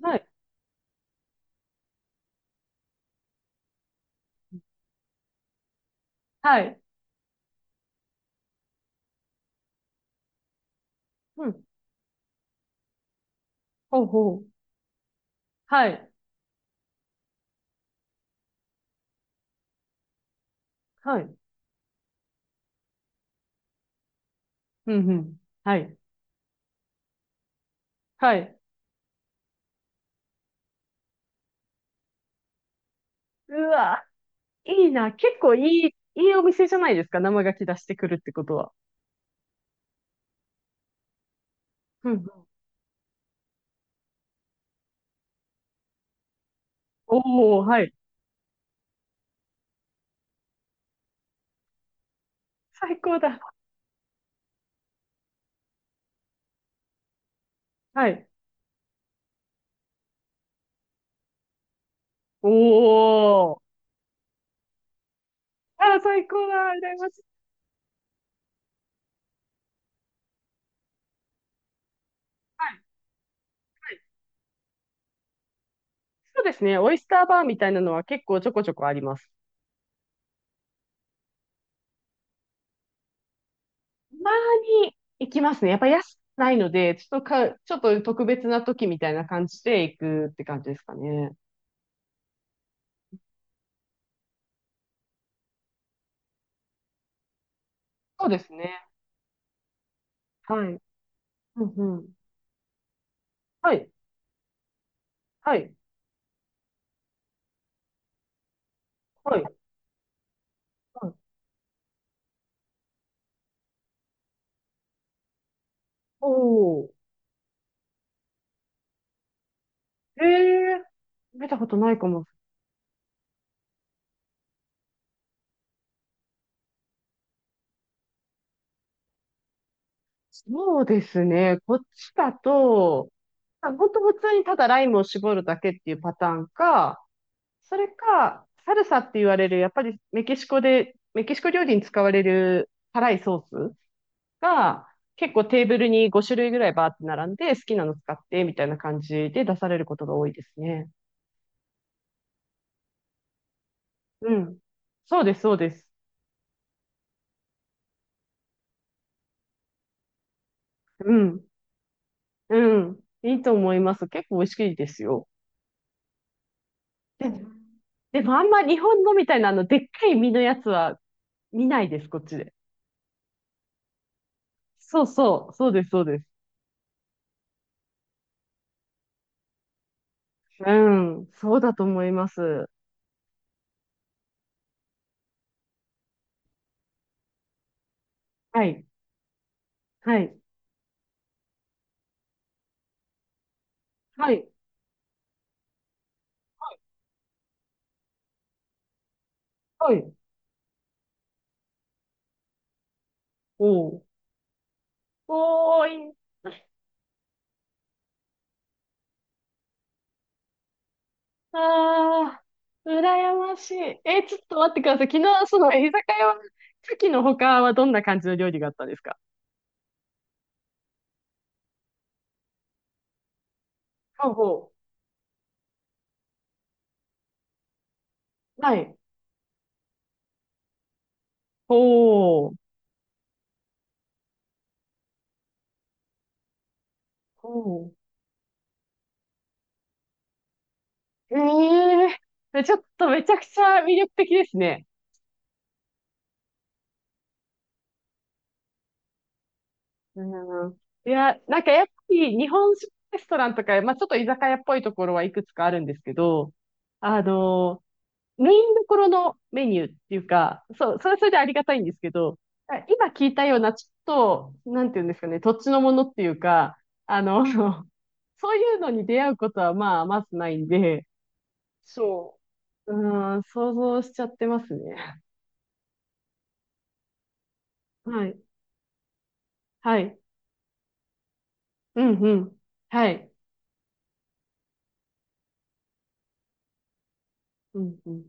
はい。はい。うん。ほうほう。はい。はい。うん、うん。はい。はい。うわ、いいな。結構いい、いいお店じゃないですか。生牡蠣出してくるってことは。うん。おお、はい。最高だ。はい。おお。あー、最高だ。羨ましい。はい。はい。そうですね。オイスターバーみたいなのは結構ちょこちょこあります。たまに行きますね。やっぱ安くないので、ちょっと特別な時みたいな感じで行くって感じですかね。そうですね。はい。うんうん。はい。はい。はい。はいおー。ええー、見たことないかも。そうですね。こっちだと、ほんと普通にただライムを絞るだけっていうパターンか、それか、サルサって言われる、やっぱりメキシコで、メキシコ料理に使われる辛いソースが、結構テーブルに5種類ぐらいバーって並んで、好きなの使って、みたいな感じで出されることが多いですね。うん。そうです、そうです。うん。うん。いいと思います。結構美味しいですよ。で、でも、あんま日本のみたいなあの、でっかい身のやつは見ないです、こっちで。そうそう、そうです、そうです。うん、そうだと思います。はい、はい、はい、はい。おー。おーい、あー、羨ましい。えー、ちょっと待ってください。昨日、その居酒屋は、牡蠣の他はどんな感じの料理があったんですか？ほうほう。はい。ほう。ほう。ええ、ちょっとめちゃくちゃ魅力的ですね。うん。いや、なんかやっぱり日本食レストランとか、まあちょっと居酒屋っぽいところはいくつかあるんですけど、あの、メインどころのメニューっていうか、そう、それはそれでありがたいんですけど、今聞いたようなちょっと、なんていうんですかね、土地のものっていうか、あの、そういうのに出会うことはまあまずないんで、そう。うん、想像しちゃってますね。はい。はい。うんうん。はい。うんうん。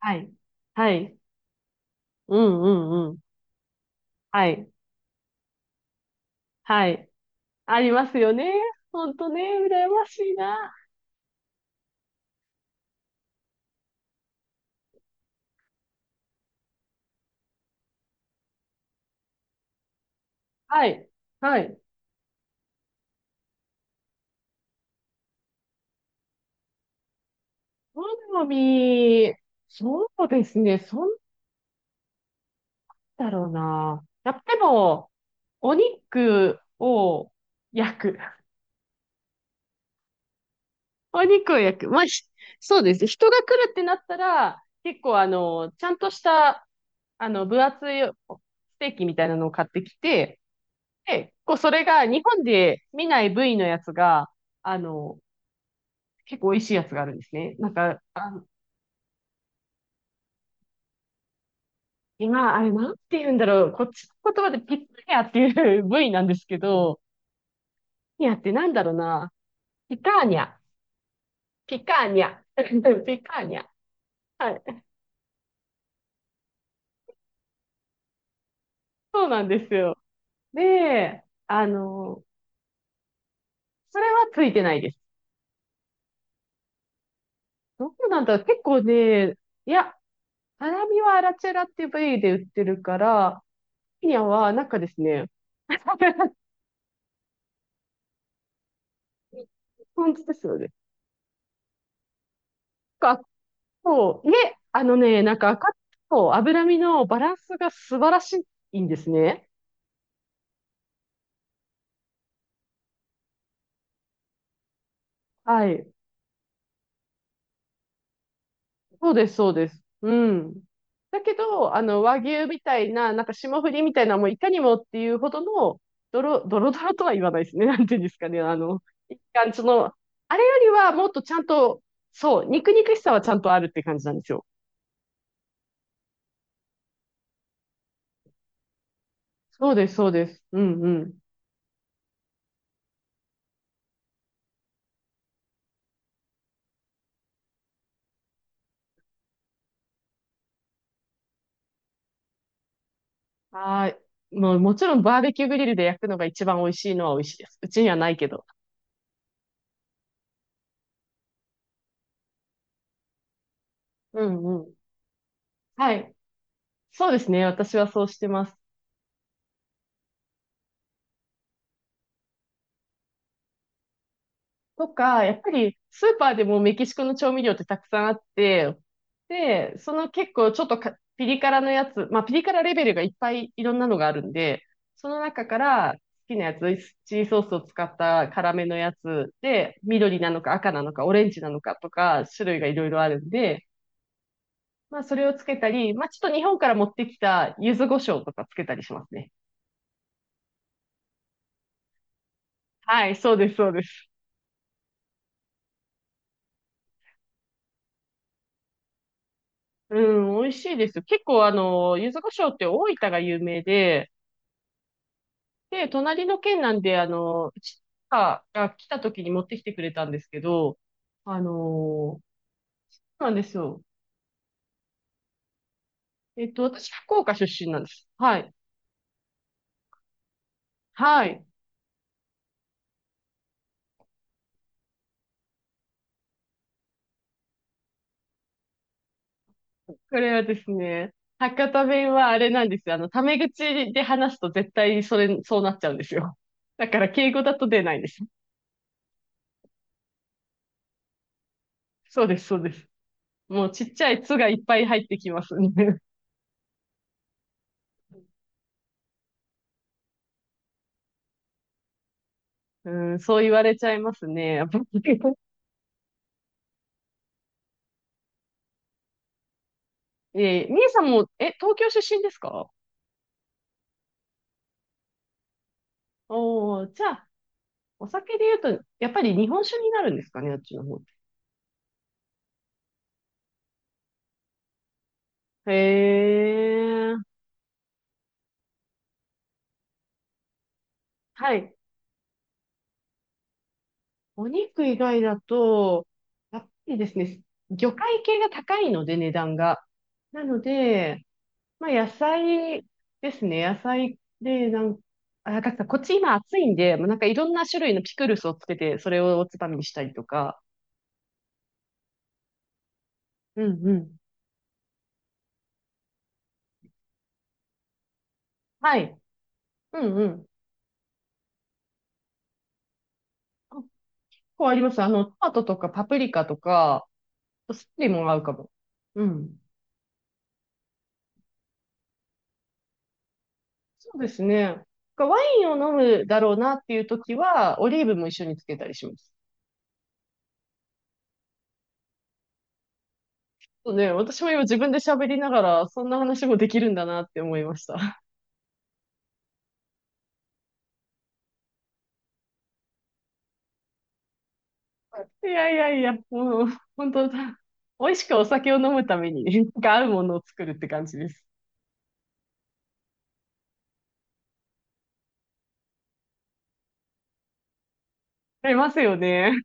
はい。はい。うんうんうん。はい。はい。ありますよね。ほんとね、羨ましいな。はい。はい。好み、そうですね。そんだろうな。やっぱでも、お肉を焼く。お肉を焼く。まあ、ひ、そうですね。人が来るってなったら、結構あの、ちゃんとした、あの、分厚いステーキみたいなのを買ってきて、で、こう、それが日本で見ない部位のやつが、あの、結構美味しいやつがあるんですね。なんか、あの、今、あれなんて言うんだろう。こっちの言葉でピッタニャっていう部位なんですけど、ピッタニャってなんだろうな。ピカーニャ。ピカーニャ。ピカーニャ。はい。そうなんですよ。で、あの、それはついてないです。どうなんだろう。結構ね、いや、ハラミはアラチェラっていう部位で売ってるから、ピニャはなんかですね、本当ですよね。なんか、赤と脂身のバランスが素晴らしいんですね。はい。そうです、そうです。うん。だけど、あの、和牛みたいな、なんか霜降りみたいな、もういかにもっていうほどの、ドロドロとは言わないですね。なんていうんですかね。あの、一貫、その、あれよりはもっとちゃんと、そう、肉肉しさはちゃんとあるって感じなんですよ。そうです、そうです。うんうん。はい。もうもちろんバーベキューグリルで焼くのが一番美味しいのは美味しいです。うちにはないけど。うんうん。はい。そうですね。私はそうしてます。とか、やっぱりスーパーでもメキシコの調味料ってたくさんあって、で、結構ちょっとピリ辛のやつ、まあピリ辛レベルがいっぱいいろんなのがあるんで、その中から好きなやつ、チリソースを使った辛めのやつで、緑なのか赤なのかオレンジなのかとか種類がいろいろあるんで、まあ、それをつけたり、まあ、ちょっと日本から持ってきた柚子胡椒とかつけたりしますね。はい、そうです、そうです。うん、美味しいですよ。結構、あの、柚子胡椒って大分が有名で、で、隣の県なんで、あの、うちが来た時に持ってきてくれたんですけど、あの、そうなんですよ。えっと、私、福岡出身なんです。はい。はい。これはですね、博多弁はあれなんですよ。あの、タメ口で話すと絶対それ、そうなっちゃうんですよ。だから、敬語だと出ないんです。そうです、そうです。もうちっちゃい「つ」がいっぱい入ってきますね。うん、そう言われちゃいますね。やっぱり えー、みえさんも、え、東京出身ですか？おー、じゃあ、お酒で言うと、やっぱり日本酒になるんですかね、あっちの方。へー。はい。お肉以外だと、やっぱりですね、魚介系が高いので、値段が。なので、まあ、野菜ですね。野菜で、なん、あ、なんかこっち今暑いんで、もうなんかいろんな種類のピクルスをつけて、それをおつまみにしたりとか。うんうん。はい。うんうん。あ、結構あります。あの、トマトとかパプリカとか、スプリも合うかも。うん。そうですね。ワインを飲むだろうなっていう時は、オリーブも一緒につけたりします。そうね、私も今自分で喋りながら、そんな話もできるんだなって思いました。いやいやいや、もう、本当、美味しくお酒を飲むために、なんか合うものを作るって感じです。ありますよね。